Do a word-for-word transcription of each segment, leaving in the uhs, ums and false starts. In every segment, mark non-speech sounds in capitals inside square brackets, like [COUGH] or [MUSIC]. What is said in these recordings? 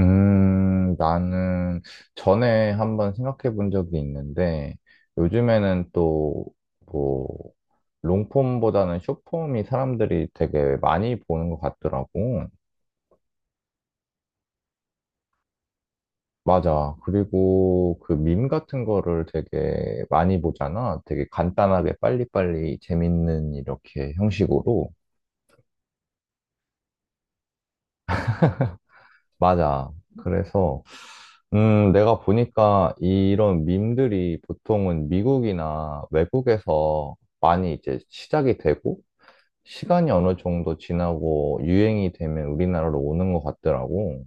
음, 나는 전에 한번 생각해 본 적이 있는데, 요즘에는 또, 뭐, 롱폼보다는 숏폼이 사람들이 되게 많이 보는 것 같더라고. 맞아. 그리고 그 밈 같은 거를 되게 많이 보잖아. 되게 간단하게 빨리빨리 재밌는 이렇게 형식으로. 맞아. 그래서 음, 내가 보니까 이런 밈들이 보통은 미국이나 외국에서 많이 이제 시작이 되고, 시간이 어느 정도 지나고 유행이 되면 우리나라로 오는 것 같더라고.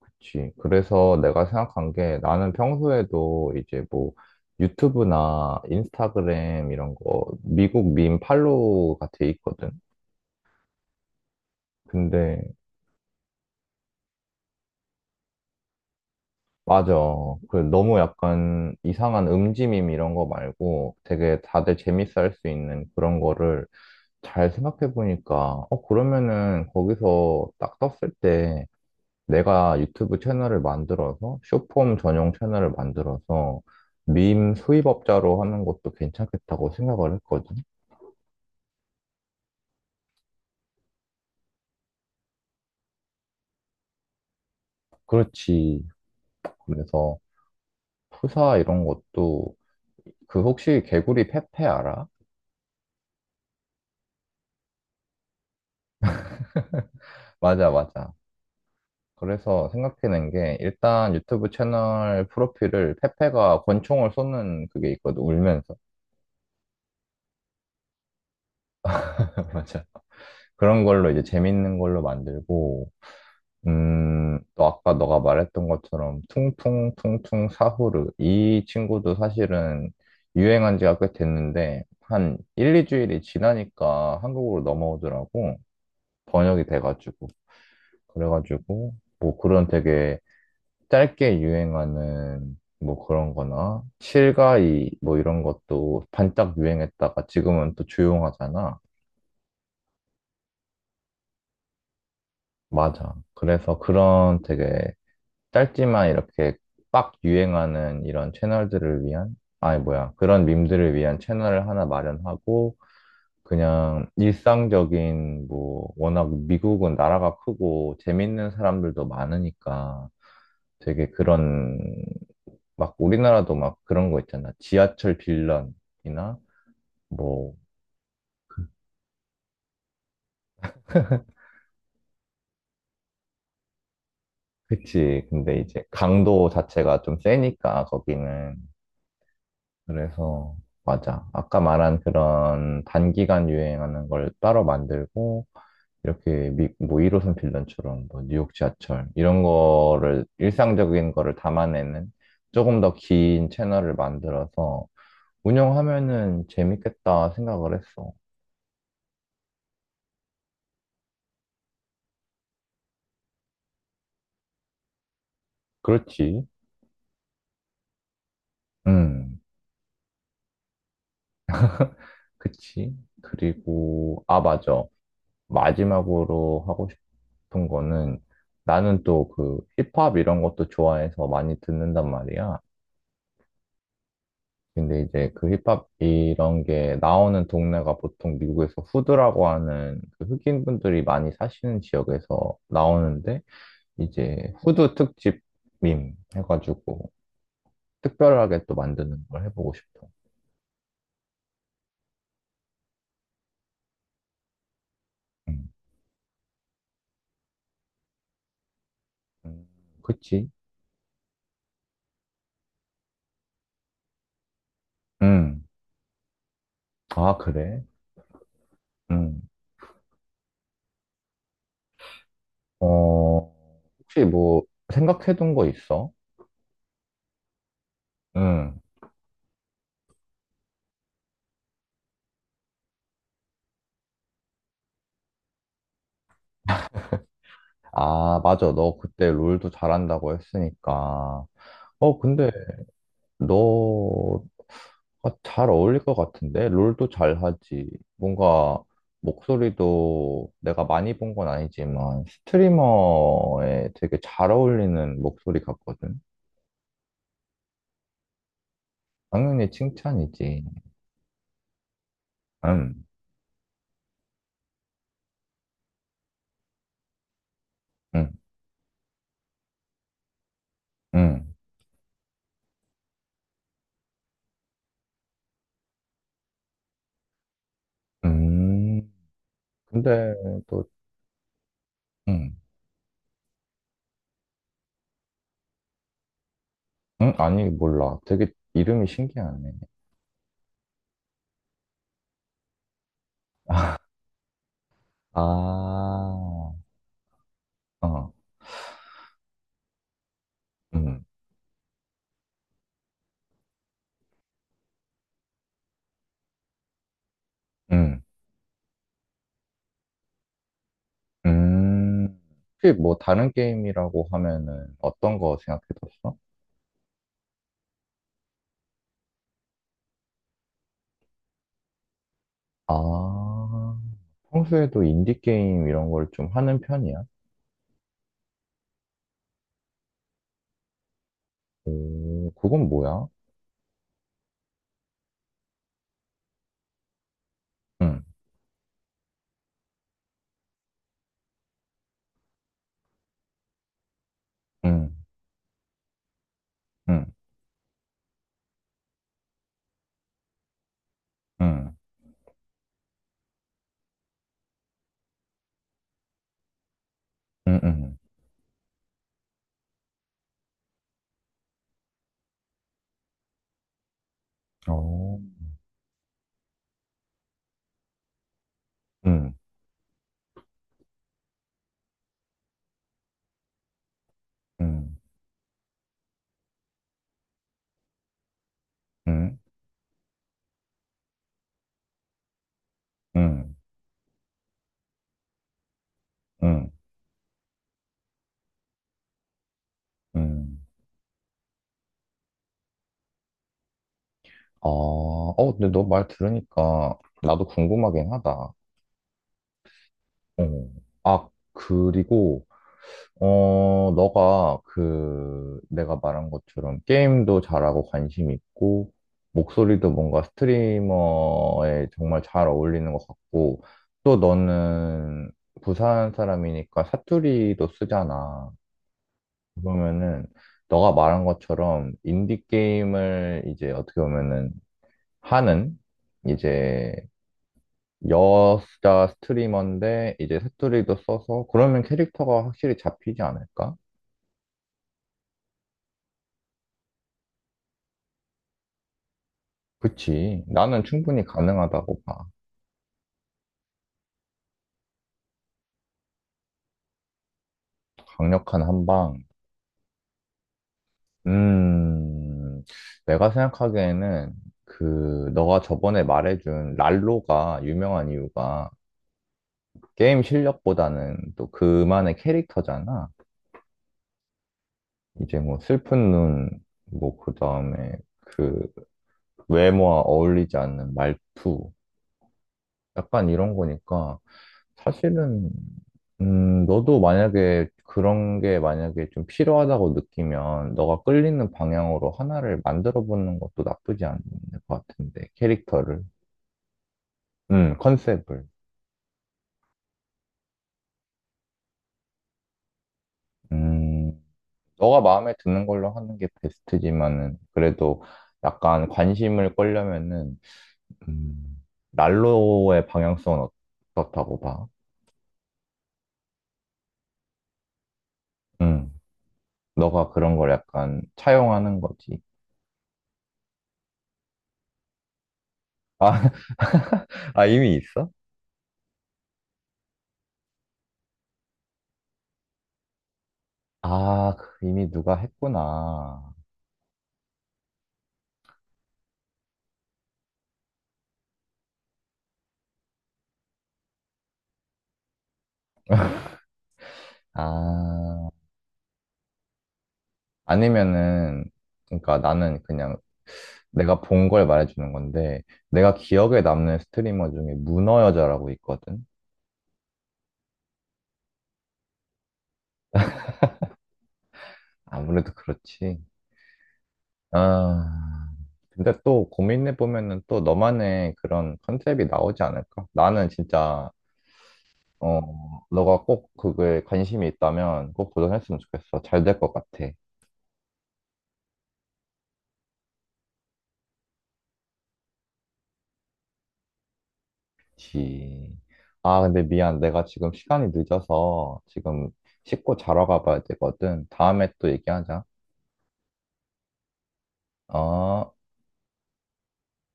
그치. 그래서 내가 생각한 게 나는 평소에도 이제 뭐 유튜브나 인스타그램 이런 거 미국 밈 팔로우가 돼 있거든. 근데 맞아. 그 너무 약간 이상한 음지밈 이런 거 말고 되게 다들 재밌어 할 수 있는 그런 거를 잘 생각해 보니까 어 그러면은 거기서 딱 떴을 때 내가 유튜브 채널을 만들어서 쇼폼 전용 채널을 만들어서 밈 수입업자로 하는 것도 괜찮겠다고 생각을 했거든. 그렇지. 그래서 프사 이런 것도 그 혹시 개구리 페페 알아? 맞아, 맞아. 그래서 생각해낸 게 일단 유튜브 채널 프로필을 페페가 권총을 쏘는 그게 있거든, 울면서. [LAUGHS] 맞아. 그런 걸로 이제 재밌는 걸로 만들고 음, 또 아까 너가 말했던 것처럼 퉁퉁퉁퉁 사후르 이 친구도 사실은 유행한 지가 꽤 됐는데 한 일, 이 주일이 지나니까 한국으로 넘어오더라고. 번역이 돼가지고. 그래가지고 뭐 그런 되게 짧게 유행하는 뭐 그런 거나 실가이 뭐 이런 것도 반짝 유행했다가 지금은 또 조용하잖아. 맞아. 그래서 그런 되게 짧지만 이렇게 빡 유행하는 이런 채널들을 위한, 아니 뭐야, 그런 밈들을 위한 채널을 하나 마련하고 그냥 일상적인 뭐 워낙 미국은 나라가 크고 재밌는 사람들도 많으니까 되게 그런, 막 우리나라도 막 그런 거 있잖아. 지하철 빌런이나 뭐, 그치. 근데 이제 강도 자체가 좀 세니까 거기는. 그래서 맞아. 아까 말한 그런 단기간 유행하는 걸 따로 만들고 이렇게 미, 뭐 일 호선 빌런처럼 뭐 뉴욕 지하철 이런 거를 일상적인 거를 담아내는 조금 더 긴 채널을 만들어서 운영하면은 재밌겠다 생각을 했어. 그렇지. 음. 그치? 그리고, 아, 맞아. 마지막으로 하고 싶은 거는 나는 또 그 힙합 이런 것도 좋아해서 많이 듣는단 말이야. 근데 이제 그 힙합 이런 게 나오는 동네가 보통 미국에서 후드라고 하는 그 흑인분들이 많이 사시는 지역에서 나오는데 이제 후드 특집 밈 해가지고 특별하게 또 만드는 걸 해보고 싶어. 음. 음, 그치? 음. 아, 그래? 음. 어, 혹시 뭐 생각해둔 거 있어? 응, 아, 맞아. 너 그때 롤도 잘한다고 했으니까. 어, 근데 너가 잘 어울릴 것 같은데? 롤도 잘하지. 뭔가 목소리도 내가 많이 본 건 아니지만 스트리머에 되게 잘 어울리는 목소리 같거든. 당연히 칭찬이지. 응, 응, 응. 음, 근데 또, 응. 응? 아니, 몰라. 되게 이름이 신기하네. 아, 어, 음, 음, 음. 혹시 뭐 다른 게임이라고 하면은 어떤 거 생각해뒀어? 아, 평소에도 인디게임 이런 걸 좀 하는 편이야? 오, 그건 뭐야? 응, 응, 응, 응, 응, 응. 어, 응, 응, 응, 응, 응, 응. 아, 어, 근데 너 말 들으니까 나도 궁금하긴 하다. 어. 아, 그리고, 어, 너가 그, 내가 말한 것처럼 게임도 잘하고 관심 있고, 목소리도 뭔가 스트리머에 정말 잘 어울리는 것 같고, 또 너는 부산 사람이니까 사투리도 쓰잖아. 그러면은, 너가 말한 것처럼 인디게임을 이제 어떻게 보면은 하는, 이제 여자 스트리머인데 이제 새투리도 써서 그러면 캐릭터가 확실히 잡히지 않을까? 그치. 나는 충분히 가능하다고 봐. 강력한 한방. 음, 내가 생각하기에는 그 너가 저번에 말해준 랄로가 유명한 이유가 게임 실력보다는 또 그만의 캐릭터잖아. 이제 뭐 슬픈 눈, 뭐 그다음에 그 외모와 어울리지 않는 말투, 약간 이런 거니까. 사실은, 음, 너도 만약에 그런 게 만약에 좀 필요하다고 느끼면 너가 끌리는 방향으로 하나를 만들어 보는 것도 나쁘지 않은 것 같은데, 캐릭터를. 음, 컨셉을. 음, 너가 마음에 드는 걸로 하는 게 베스트지만은, 그래도 약간 관심을 끌려면은, 음, 난로의 방향성은 어, 어떻다고 봐? 음, 너가 그런 걸 약간 차용하는 거지. 아, [LAUGHS] 아, 이미 있어? 아, 그 이미 누가 했구나. 아, 아니면은, 그러니까 나는 그냥 내가 본 걸 말해주는 건데, 내가 기억에 남는 스트리머 중에 문어 여자라고 있거든? 아무래도 그렇지. 아, 근데 또 고민해보면은 또 너만의 그런 컨셉이 나오지 않을까? 나는 진짜, 어, 너가 꼭 그거에 관심이 있다면 꼭 도전했으면 좋겠어. 잘 될 것 같아. 그치. 아, 근데 미안. 내가 지금 시간이 늦어서 지금 씻고 자러 가봐야 되거든. 다음에 또 얘기하자. 어.